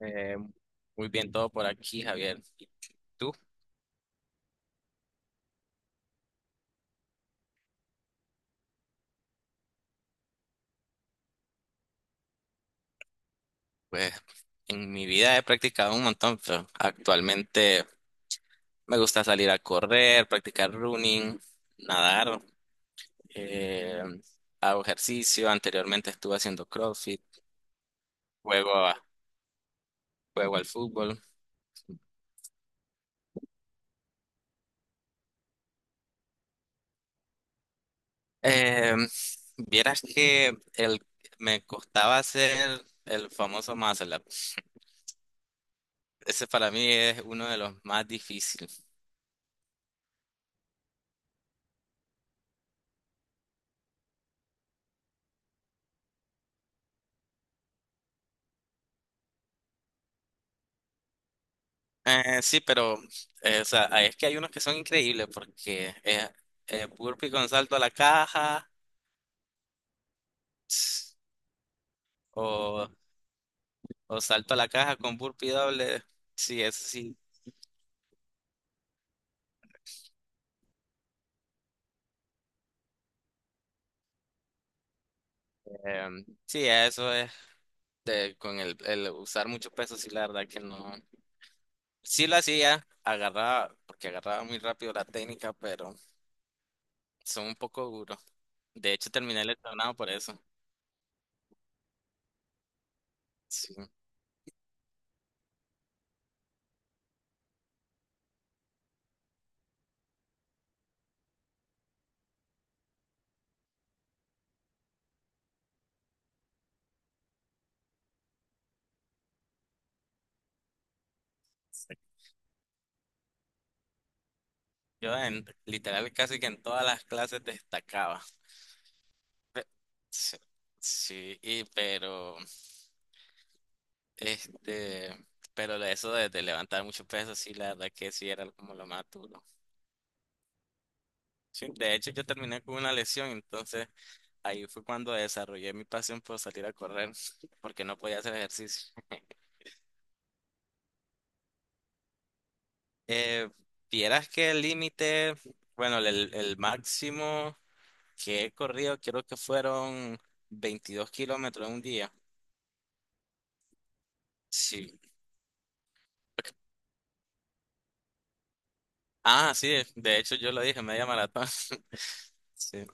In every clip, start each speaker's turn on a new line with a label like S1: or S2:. S1: Eh, Muy bien todo por aquí, Javier. ¿Y tú? Pues en mi vida he practicado un montón, pero actualmente me gusta salir a correr, practicar running, nadar, eh, hago ejercicio. Anteriormente estuve haciendo CrossFit, juego, a- juego al fútbol. Eh, Vieras que me costaba hacer el famoso muscle up. Ese para mí es uno de los más difíciles. Sí, pero o sea, es que hay unos que son increíbles porque burpee con salto a la caja. ts, o, o salto a la caja con burpee doble. Sí, eso sí. Sí, eso es con el usar mucho peso, sí, la verdad que no. Sí lo hacía, agarraba, porque agarraba muy rápido la técnica, pero son un poco duros. De hecho, terminé lesionado por eso. Sí. Yo literal casi que en todas las clases destacaba. Pe- Sí, sí, y este, pero de eso de levantar mucho peso, sí, la verdad que sí era como lo más duro. Sí, de hecho, yo terminé con una lesión, entonces ahí fue cuando desarrollé mi pasión por salir a correr, porque no podía hacer ejercicio. Eh, Vieras que el límite, bueno, el máximo que he corrido, creo que fueron 22 kilómetros en un día. Sí. Ah, sí, de hecho yo lo dije, media maratón. Sí.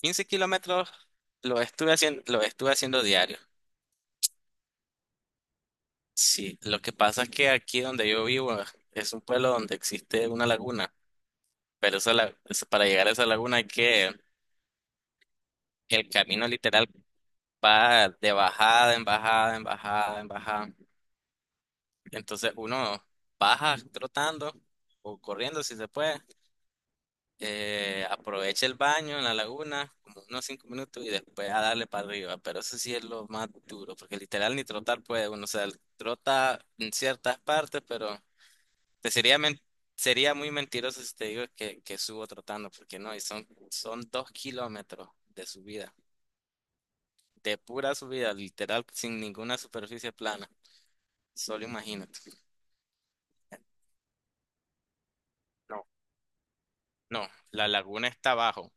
S1: 15 kilómetros lo estuve haciendo diario. Sí, lo que pasa es que aquí donde yo vivo es un pueblo donde existe una laguna, pero esa para llegar a esa laguna hay que el camino literal va de bajada en bajada en bajada en bajada. Entonces uno baja trotando o corriendo si se puede. Aprovecha el baño en la laguna, como unos 5 minutos, y después a darle para arriba. Pero eso sí es lo más duro, porque literal ni trotar puede uno. O sea, trota en ciertas partes, pero te sería, men- sería muy mentiroso si te digo que subo trotando, porque no, y son 2 kilómetros de subida, de pura subida, literal, sin ninguna superficie plana. Solo imagínate. No, la laguna está abajo.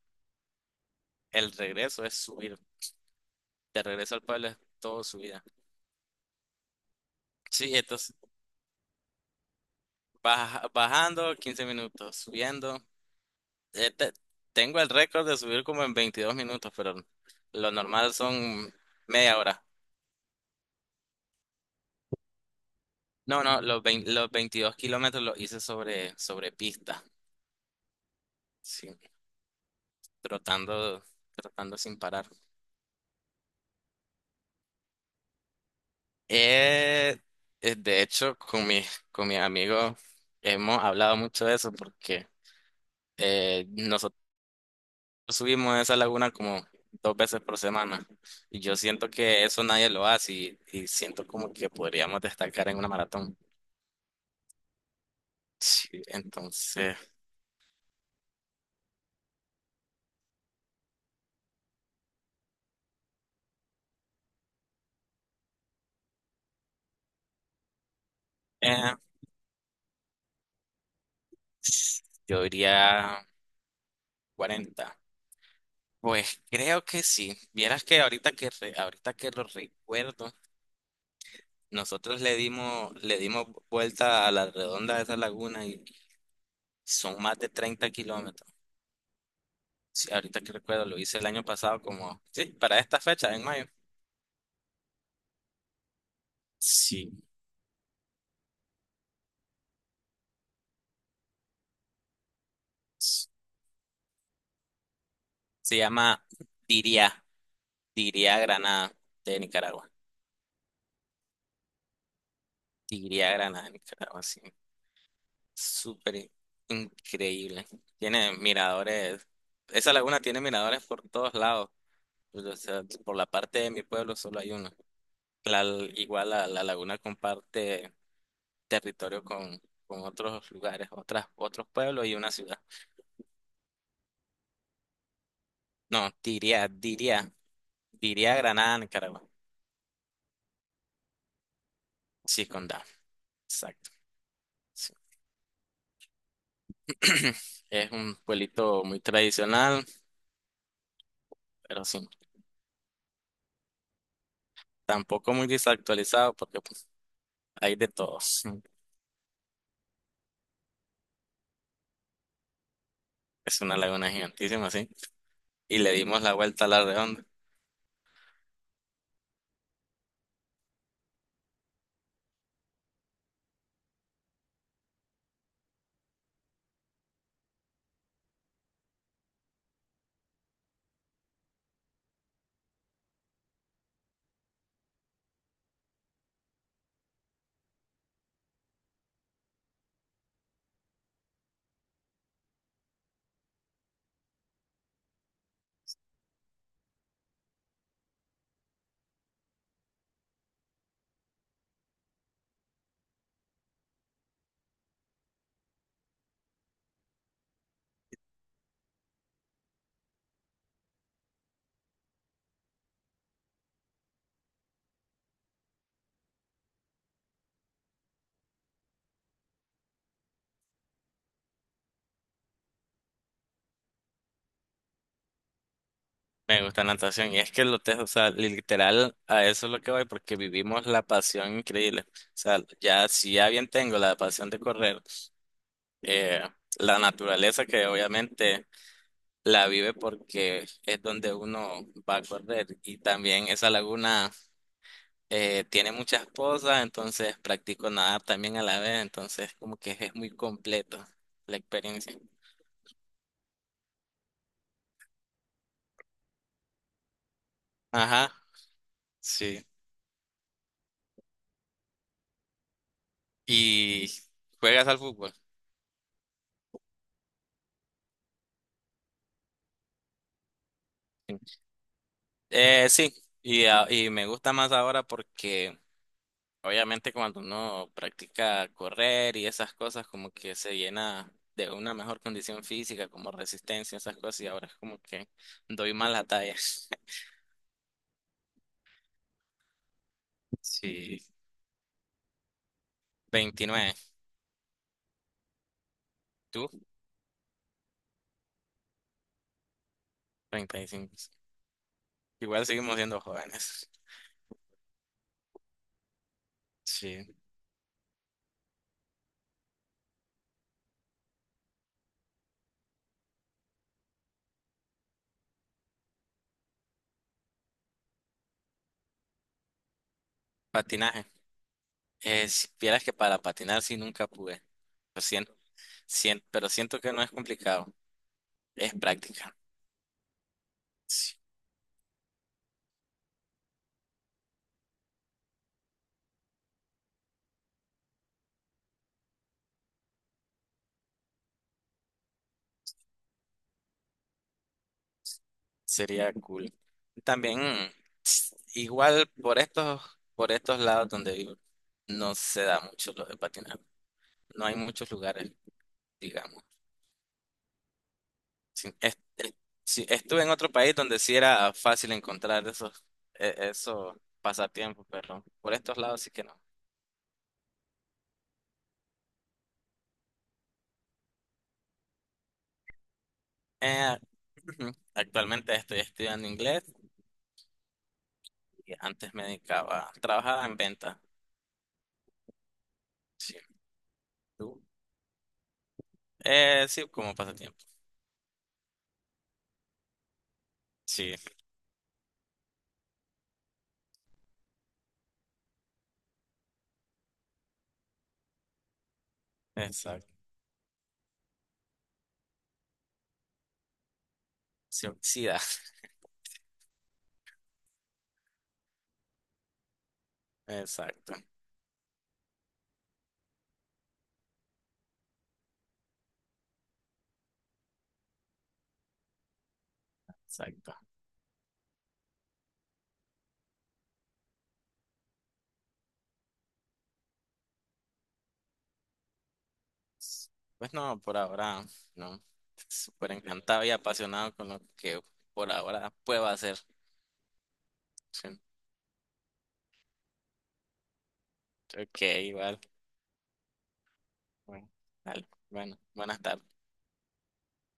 S1: El regreso es subir. De regreso al pueblo es todo subida. Sí, entonces bajando 15 minutos, subiendo. Eh, te- Tengo el récord de subir como en 22 minutos, pero lo normal son media hora. No, no, los 22 kilómetros los hice sobre pista, sí, trotando, trotando sin parar. Eh, de hecho, con mis amigos hemos hablado mucho de eso porque nosotros subimos a esa laguna como dos veces por semana. Y yo siento que eso nadie lo hace y siento como que podríamos destacar en una maratón. Sí, entonces, eh, yo diría cuarenta. Pues creo que sí. Vieras que ahorita que lo recuerdo, nosotros le dimos vuelta a la redonda de esa laguna y son más de 30 kilómetros. Sí, ahorita que recuerdo, lo hice el año pasado como, sí, para esta fecha, en mayo. Sí. Sí. Se llama Tiria, Tiria Granada de Nicaragua. Tiria Granada de Nicaragua, sí. Súper increíble. Tiene miradores. Esa laguna tiene miradores por todos lados. Pues, o sea, por la parte de mi pueblo solo hay uno. La- Igual la laguna comparte territorio con otros lugares, otros pueblos y una ciudad. No, Tiria, Tiria, Tiria Granada, Nicaragua. Sí, con condado. Exacto. Sí. Es un pueblito muy tradicional, pero sí, tampoco muy desactualizado porque pues, hay de todos. Es una laguna gigantísima, sí. Y le dimos la vuelta a la redonda. Me gusta la natación. Y es que o sea, literal, a eso es lo que voy, porque vivimos la pasión increíble. O sea, ya si ya bien tengo la pasión de correr, eh, la naturaleza que obviamente la vive porque es donde uno va a correr. Y también esa laguna. Tiene muchas cosas, entonces practico nadar también a la vez, entonces como que es muy completo la experiencia. Ajá, sí. ¿Y juegas al fútbol? Sí, y me gusta más ahora porque obviamente cuando uno practica correr y esas cosas como que se llena de una mejor condición física, como resistencia, esas cosas, y ahora es como que doy más la talla. Sí, 29. ¿Tú? 35. Igual seguimos siendo jóvenes. Sí, patinaje. Vieras que para patinar sí nunca pude. Lo siento, siento, pero siento que no es complicado. Es práctica. Sí, sería cool. También, igual por estos lados donde vivo, no se da mucho lo de patinar. No hay muchos lugares, digamos. Sí, sí, estuve en otro país donde sí era fácil encontrar esos pasatiempos, pero por estos lados sí que no. Eh, Ujú. Actualmente estoy estudiando inglés y antes me dedicaba, trabajaba en venta. Sí. ¿Tú? Sí, como pasatiempo. Sí, exacto. Se oxida. Exacto, exacto. Pues no, por ahora, no. Súper encantado y apasionado con lo que por ahora puedo hacer. Sí. Ok, igual. Bueno, dale. Bueno, buenas tardes.